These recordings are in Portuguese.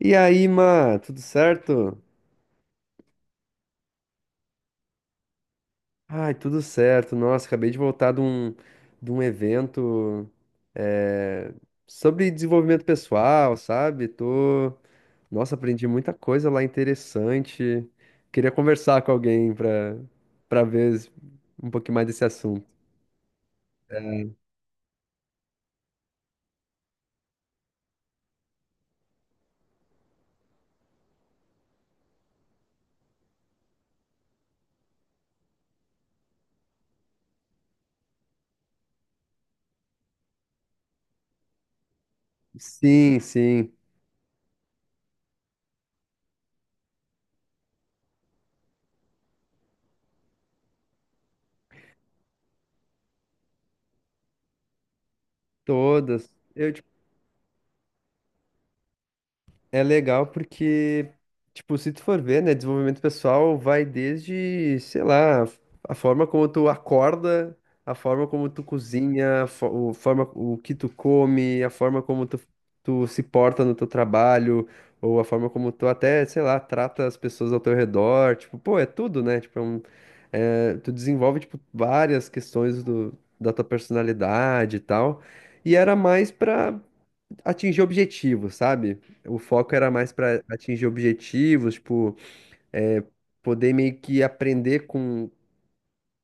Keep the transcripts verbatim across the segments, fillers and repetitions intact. E aí, Má, tudo certo? Ai, tudo certo. Nossa, acabei de voltar de um, de um evento eh, sobre desenvolvimento pessoal, sabe? Tô... Nossa, aprendi muita coisa lá interessante. Queria conversar com alguém pra, pra ver um pouquinho mais desse assunto. Sim, sim, todas. Eu é legal porque, tipo, se tu for ver, né, desenvolvimento pessoal vai desde, sei lá, a forma como tu acorda, a forma como tu cozinha, a fo- o forma, o que tu come, a forma como tu, tu se porta no teu trabalho, ou a forma como tu até, sei lá, trata as pessoas ao teu redor, tipo, pô, é tudo, né? Tipo, é um- é, tu desenvolve, tipo, várias questões do, da tua personalidade e tal. E era mais pra atingir objetivos, sabe? O foco era mais para atingir objetivos, tipo, é, poder meio que aprender com,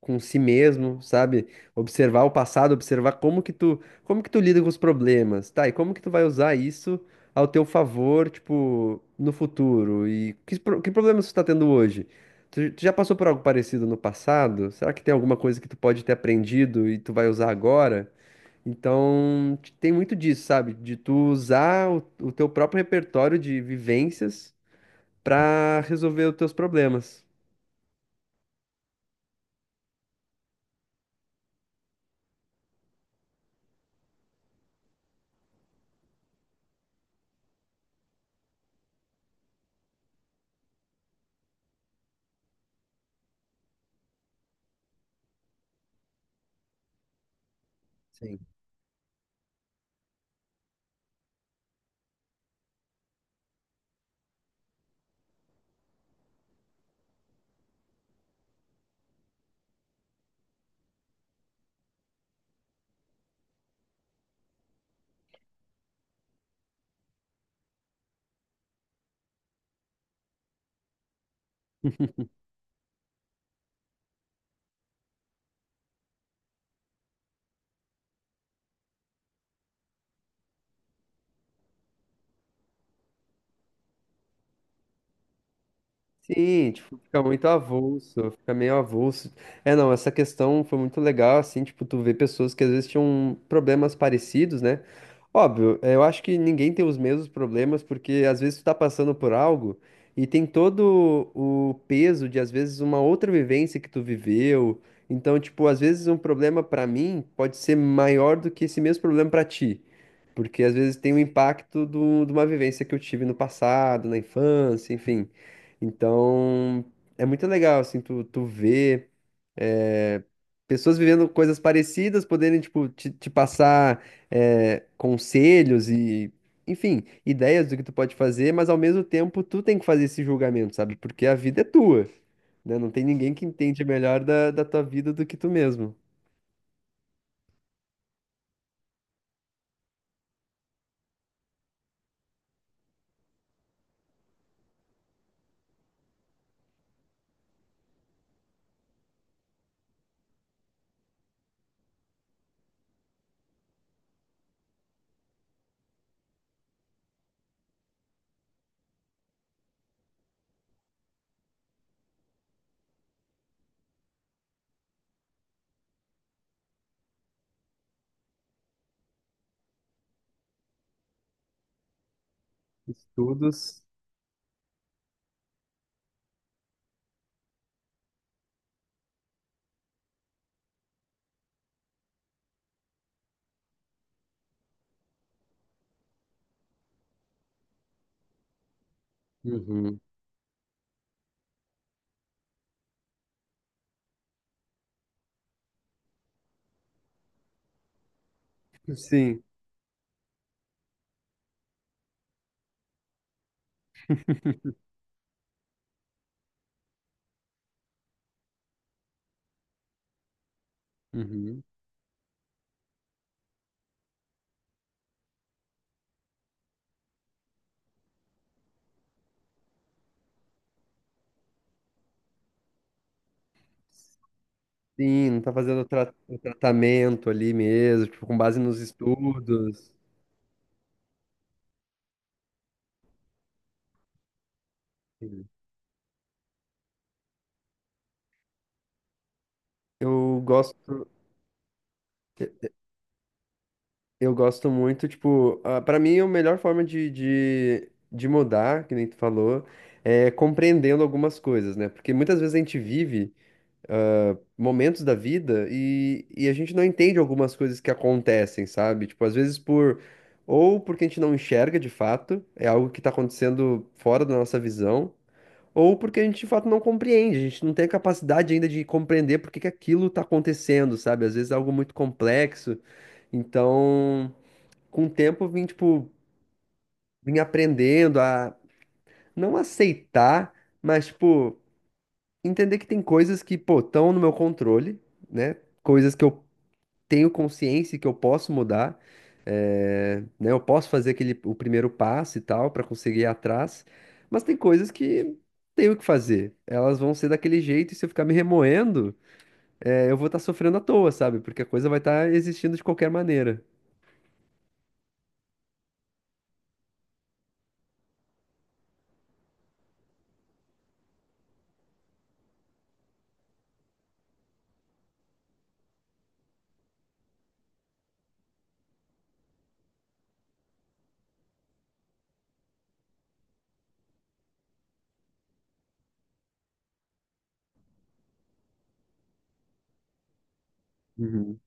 com si mesmo, sabe? Observar o passado, observar como que tu, como que tu lida com os problemas, tá? E como que tu vai usar isso ao teu favor, tipo, no futuro? E que, pro- que problemas tu tá tendo hoje? Tu, tu já passou por algo parecido no passado? Será que tem alguma coisa que tu pode ter aprendido e tu vai usar agora? Então, t- tem muito disso, sabe? De tu usar o, o teu próprio repertório de vivências pra resolver os teus problemas. Sim. Sim, tipo, fica muito avulso, fica meio avulso. É, não, essa questão foi muito legal, assim, tipo, tu vê pessoas que às vezes tinham problemas parecidos, né? Óbvio, é, eu acho que ninguém tem os mesmos problemas, porque às vezes tu tá passando por algo e tem todo o peso de, às vezes, uma outra vivência que tu viveu. Então, tipo, às vezes um problema pra mim pode ser maior do que esse mesmo problema pra ti. Porque às vezes tem o impacto do, de uma vivência que eu tive no passado, na infância, enfim. Então, é muito legal, assim, tu, tu ver eh, pessoas vivendo coisas parecidas, poderem, tipo, te, te passar eh, conselhos e, enfim, ideias do que tu pode fazer, mas ao mesmo tempo tu tem que fazer esse julgamento, sabe? Porque a vida é tua, né? Não tem ninguém que entende melhor da, da tua vida do que tu mesmo. Estudos. Uhum. Sim. Uhum. Sim, não tá fazendo o tra- o tratamento ali mesmo, tipo, com base nos estudos. Eu gosto, eu gosto muito, tipo, ah, pra mim a melhor forma de, de, de mudar, que nem tu falou, é compreendendo algumas coisas, né? Porque muitas vezes a gente vive ah, momentos da vida e, e a gente não entende algumas coisas que acontecem, sabe? Tipo, às vezes por. Ou porque a gente não enxerga de fato, é algo que tá acontecendo fora da nossa visão, ou porque a gente de fato não compreende, a gente não tem a capacidade ainda de compreender por que que aquilo está acontecendo, sabe? Às vezes é algo muito complexo. Então, com o tempo, eu vim, tipo, vim aprendendo a não aceitar, mas, tipo, entender que tem coisas que, pô, estão no meu controle, né? Coisas que eu tenho consciência que eu posso mudar, eh, né? Eu posso fazer aquele o primeiro passo e tal para conseguir ir atrás, mas tem coisas que tenho que fazer. Elas vão ser daquele jeito e se eu ficar me remoendo, eh, eu vou estar sofrendo à toa, sabe? Porque a coisa vai estar existindo de qualquer maneira. Uhum.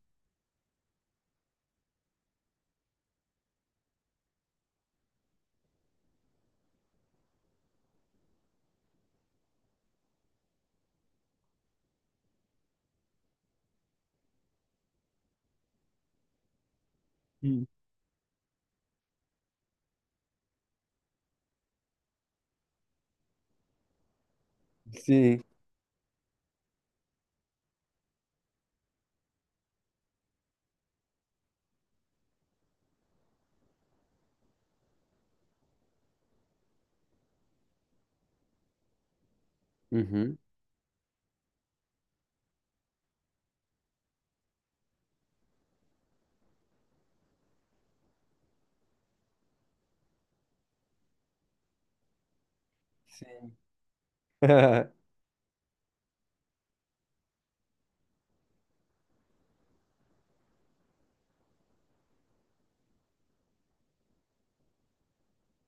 Hum. Sim. Uhum. Sim.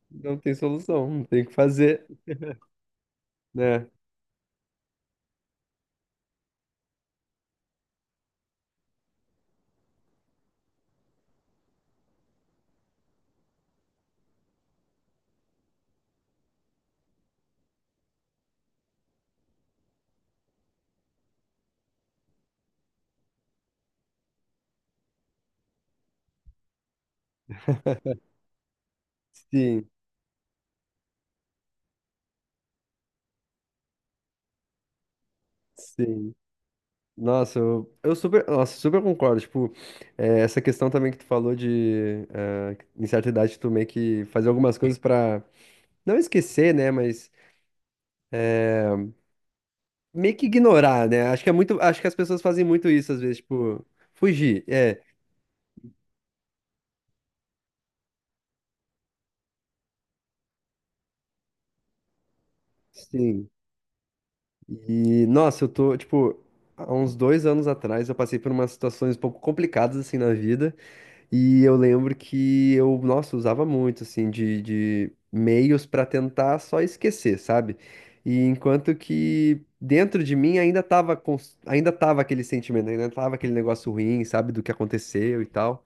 Não tem solução, não tem o que fazer, né? Sim, sim. Nossa, eu, eu super, nossa, super concordo. Tipo, eh, essa questão também que tu falou de, eh, em certa idade, tu meio que fazer algumas coisas pra não esquecer, né? Mas meio que ignorar, né? Acho que é muito, acho que as pessoas fazem muito isso às vezes, tipo, fugir. É, sim. E, nossa, eu tô, tipo, há uns dois anos atrás eu passei por umas situações um pouco complicadas, assim, na vida. E eu lembro que eu, nossa, usava muito, assim, de, de meios pra tentar só esquecer, sabe? E enquanto que dentro de mim ainda tava, cons- ainda tava aquele sentimento, ainda tava aquele negócio ruim, sabe, do que aconteceu e tal.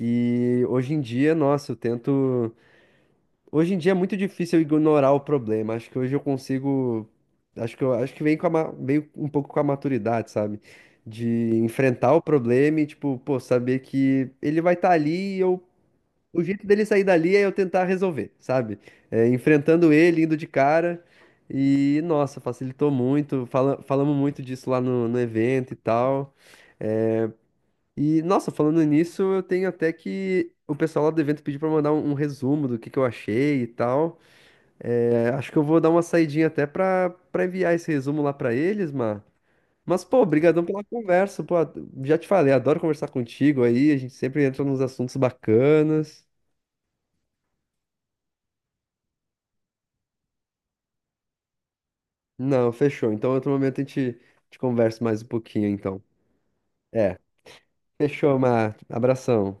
E hoje em dia, nossa, eu tento. Hoje em dia é muito difícil eu ignorar o problema. Acho que hoje eu consigo. Acho que eu acho que vem com a ma- veio um pouco com a maturidade, sabe? De enfrentar o problema e, tipo, pô, saber que ele vai estar ali. O jeito dele sair dali é eu tentar resolver, sabe? É, enfrentando ele, indo de cara. E, nossa, facilitou muito. Fala, falamos muito disso lá no, no evento e tal. É, e, nossa, falando nisso, eu tenho até que o pessoal lá do evento pediu pra mandar um, um resumo do que, que eu achei e tal. É, acho que eu vou dar uma saidinha até pra, pra enviar esse resumo lá pra eles, mano. Mas, pô, obrigadão pela conversa, pô. Já te falei, adoro conversar contigo aí. A gente sempre entra nos assuntos bacanas. Não, fechou. Então, outro momento a gente, a gente conversa mais um pouquinho, então. É, fechou, Mar. Abração.